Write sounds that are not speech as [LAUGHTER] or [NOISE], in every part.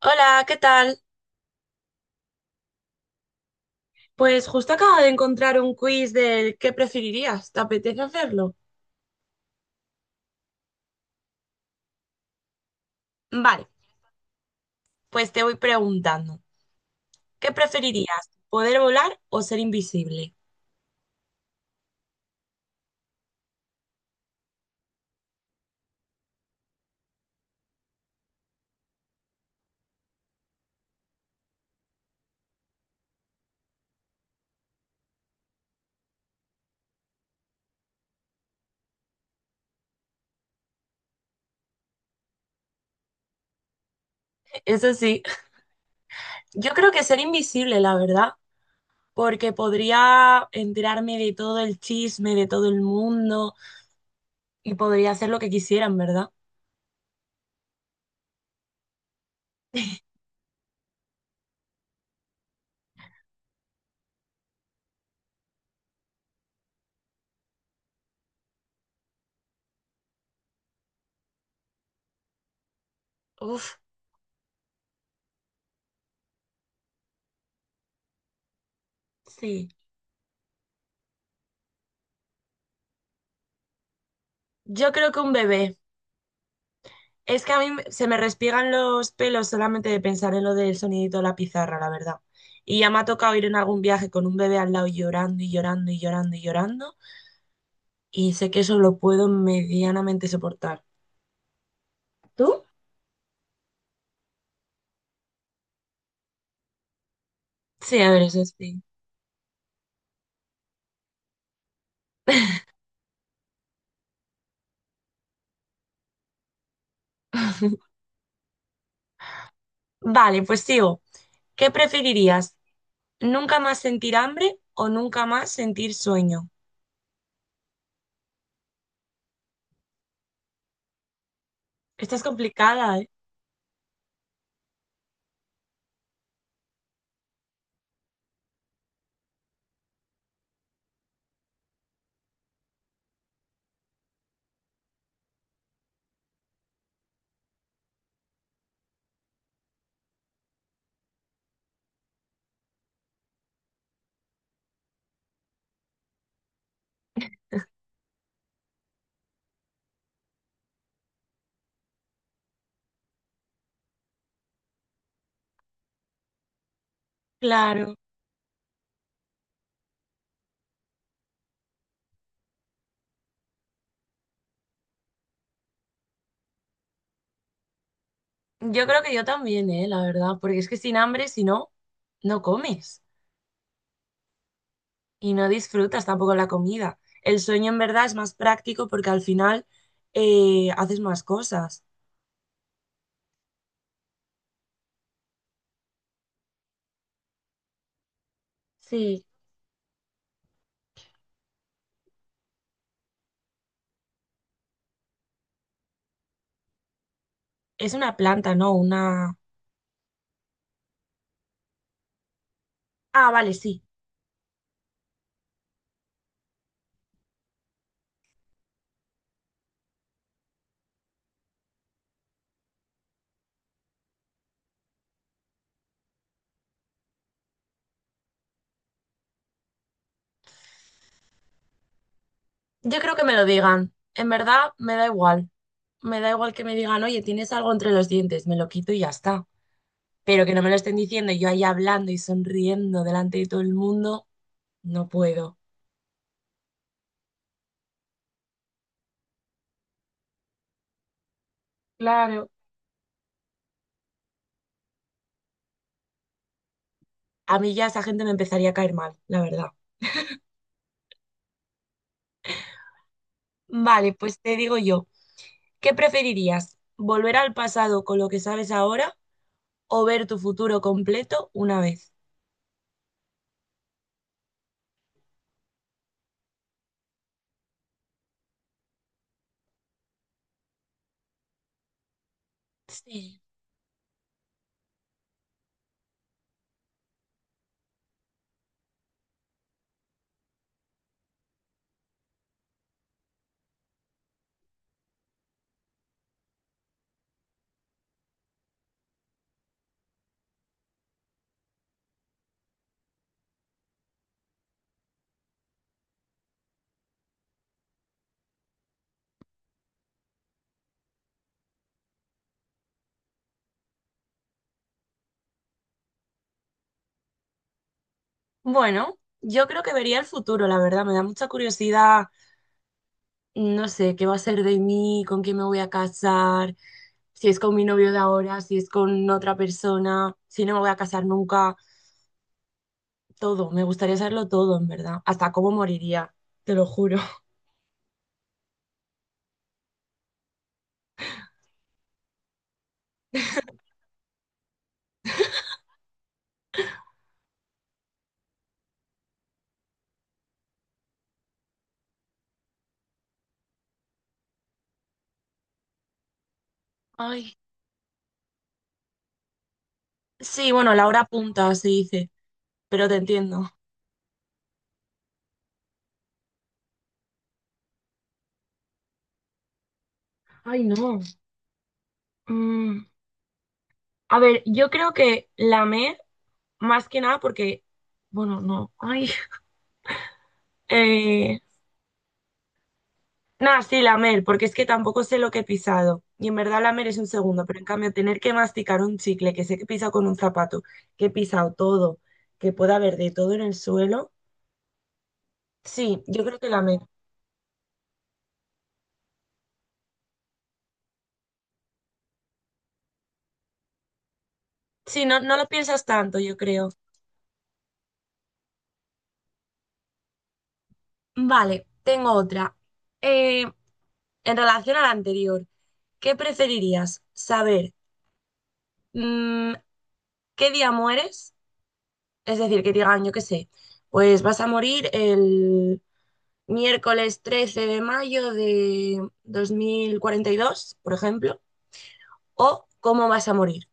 Hola, ¿qué tal? Pues justo acabo de encontrar un quiz del ¿qué preferirías? ¿Te apetece hacerlo? Vale, pues te voy preguntando. ¿Qué preferirías? ¿Poder volar o ser invisible? Eso sí, yo creo que ser invisible, la verdad, porque podría enterarme de todo el chisme, de todo el mundo y podría hacer lo que quisieran, ¿verdad? Uf, sí. Yo creo que un bebé. Es que a mí se me respiegan los pelos solamente de pensar en lo del sonidito de la pizarra, la verdad. Y ya me ha tocado ir en algún viaje con un bebé al lado llorando y llorando y llorando y llorando. Y sé que eso lo puedo medianamente soportar. ¿Tú? Sí, a ver, eso sí. Vale, pues sigo. ¿Qué preferirías? ¿Nunca más sentir hambre o nunca más sentir sueño? Esta es complicada, ¿eh? Claro. Yo creo que yo también, ¿eh? La verdad. Porque es que sin hambre, si no, no comes. Y no disfrutas tampoco la comida. El sueño en verdad es más práctico porque al final haces más cosas. Sí. Es una planta, ¿no? Una... Ah, vale, sí. Yo creo que me lo digan. En verdad me da igual. Me da igual que me digan, oye, tienes algo entre los dientes, me lo quito y ya está. Pero que no me lo estén diciendo y yo ahí hablando y sonriendo delante de todo el mundo, no puedo. Claro. A mí ya esa gente me empezaría a caer mal, la verdad. Vale, pues te digo yo. ¿Qué preferirías? ¿Volver al pasado con lo que sabes ahora o ver tu futuro completo una vez? Sí. Bueno, yo creo que vería el futuro, la verdad. Me da mucha curiosidad, no sé, qué va a ser de mí, con quién me voy a casar, si es con mi novio de ahora, si es con otra persona, si no me voy a casar nunca, todo. Me gustaría saberlo todo, en verdad. Hasta cómo moriría, te lo juro. Ay, sí, bueno, la hora punta se dice, pero te entiendo. Ay, no. Mm. A ver, yo creo que más que nada porque, bueno, no, ay, eh, nada, sí, la porque es que tampoco sé lo que he pisado. Y en verdad la es un segundo, pero en cambio tener que masticar un chicle que sé que he pisado con un zapato, que he pisado todo, que pueda haber de todo en el suelo, sí, yo creo que la. Sí, no, no lo piensas tanto, yo creo. Vale, tengo otra. Eh, en relación a la anterior, ¿qué preferirías? ¿Saber mm, qué día mueres? Es decir, que digan, yo qué sé, pues vas a morir el miércoles 13 de mayo de 2042 por ejemplo, o cómo vas a morir.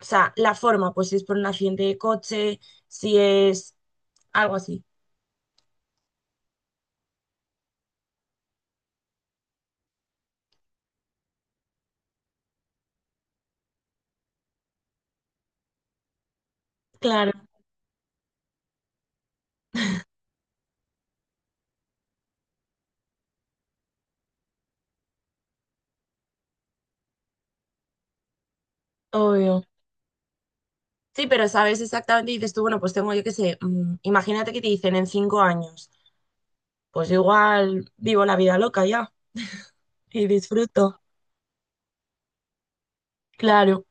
O sea, la forma, pues si es por un accidente de coche, si es algo así. Claro, obvio. Sí, pero sabes exactamente, y dices tú, bueno, pues tengo, yo qué sé, imagínate que te dicen en 5 años, pues igual vivo la vida loca ya y disfruto. Claro,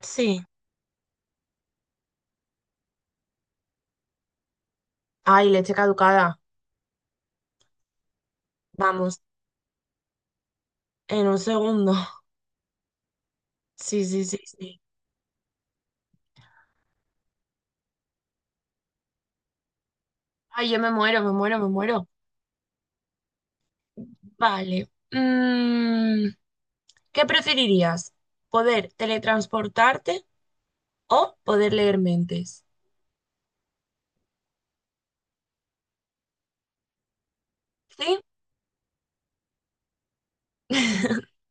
sí. Ay, leche caducada, vamos, en un segundo. Sí, sí, sí, sí. Ay, yo me muero, me muero, me muero. Vale. ¿Qué preferirías? ¿Poder teletransportarte o poder leer mentes? Sí, [LAUGHS]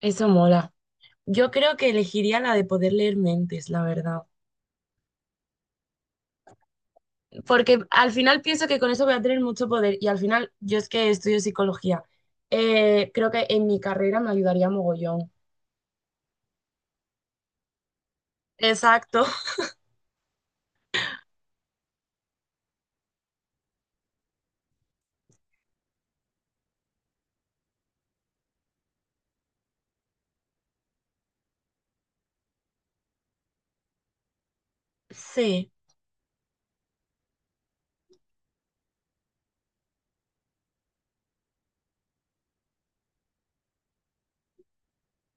eso mola. Yo creo que elegiría la de poder leer mentes, la verdad. Porque al final pienso que con eso voy a tener mucho poder y al final yo es que estudio psicología. Creo que en mi carrera me ayudaría mogollón. Exacto. [LAUGHS] Sí.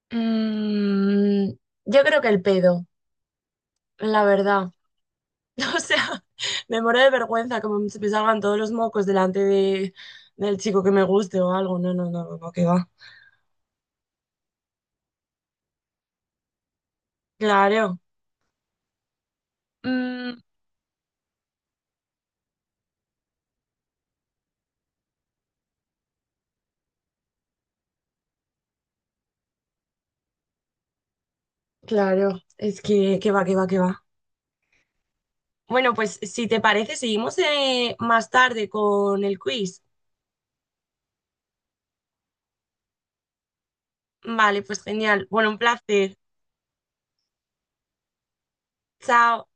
Mm, yo creo que el pedo. La verdad. [LAUGHS] O sea, me muero de vergüenza como se me salgan todos los mocos delante de, del chico que me guste o algo. No, no, no, no, no, que va. Claro. Mm, claro. Es que va, que va, que va. Bueno, pues si te parece, seguimos más tarde con el quiz. Vale, pues genial. Bueno, un placer. Chao.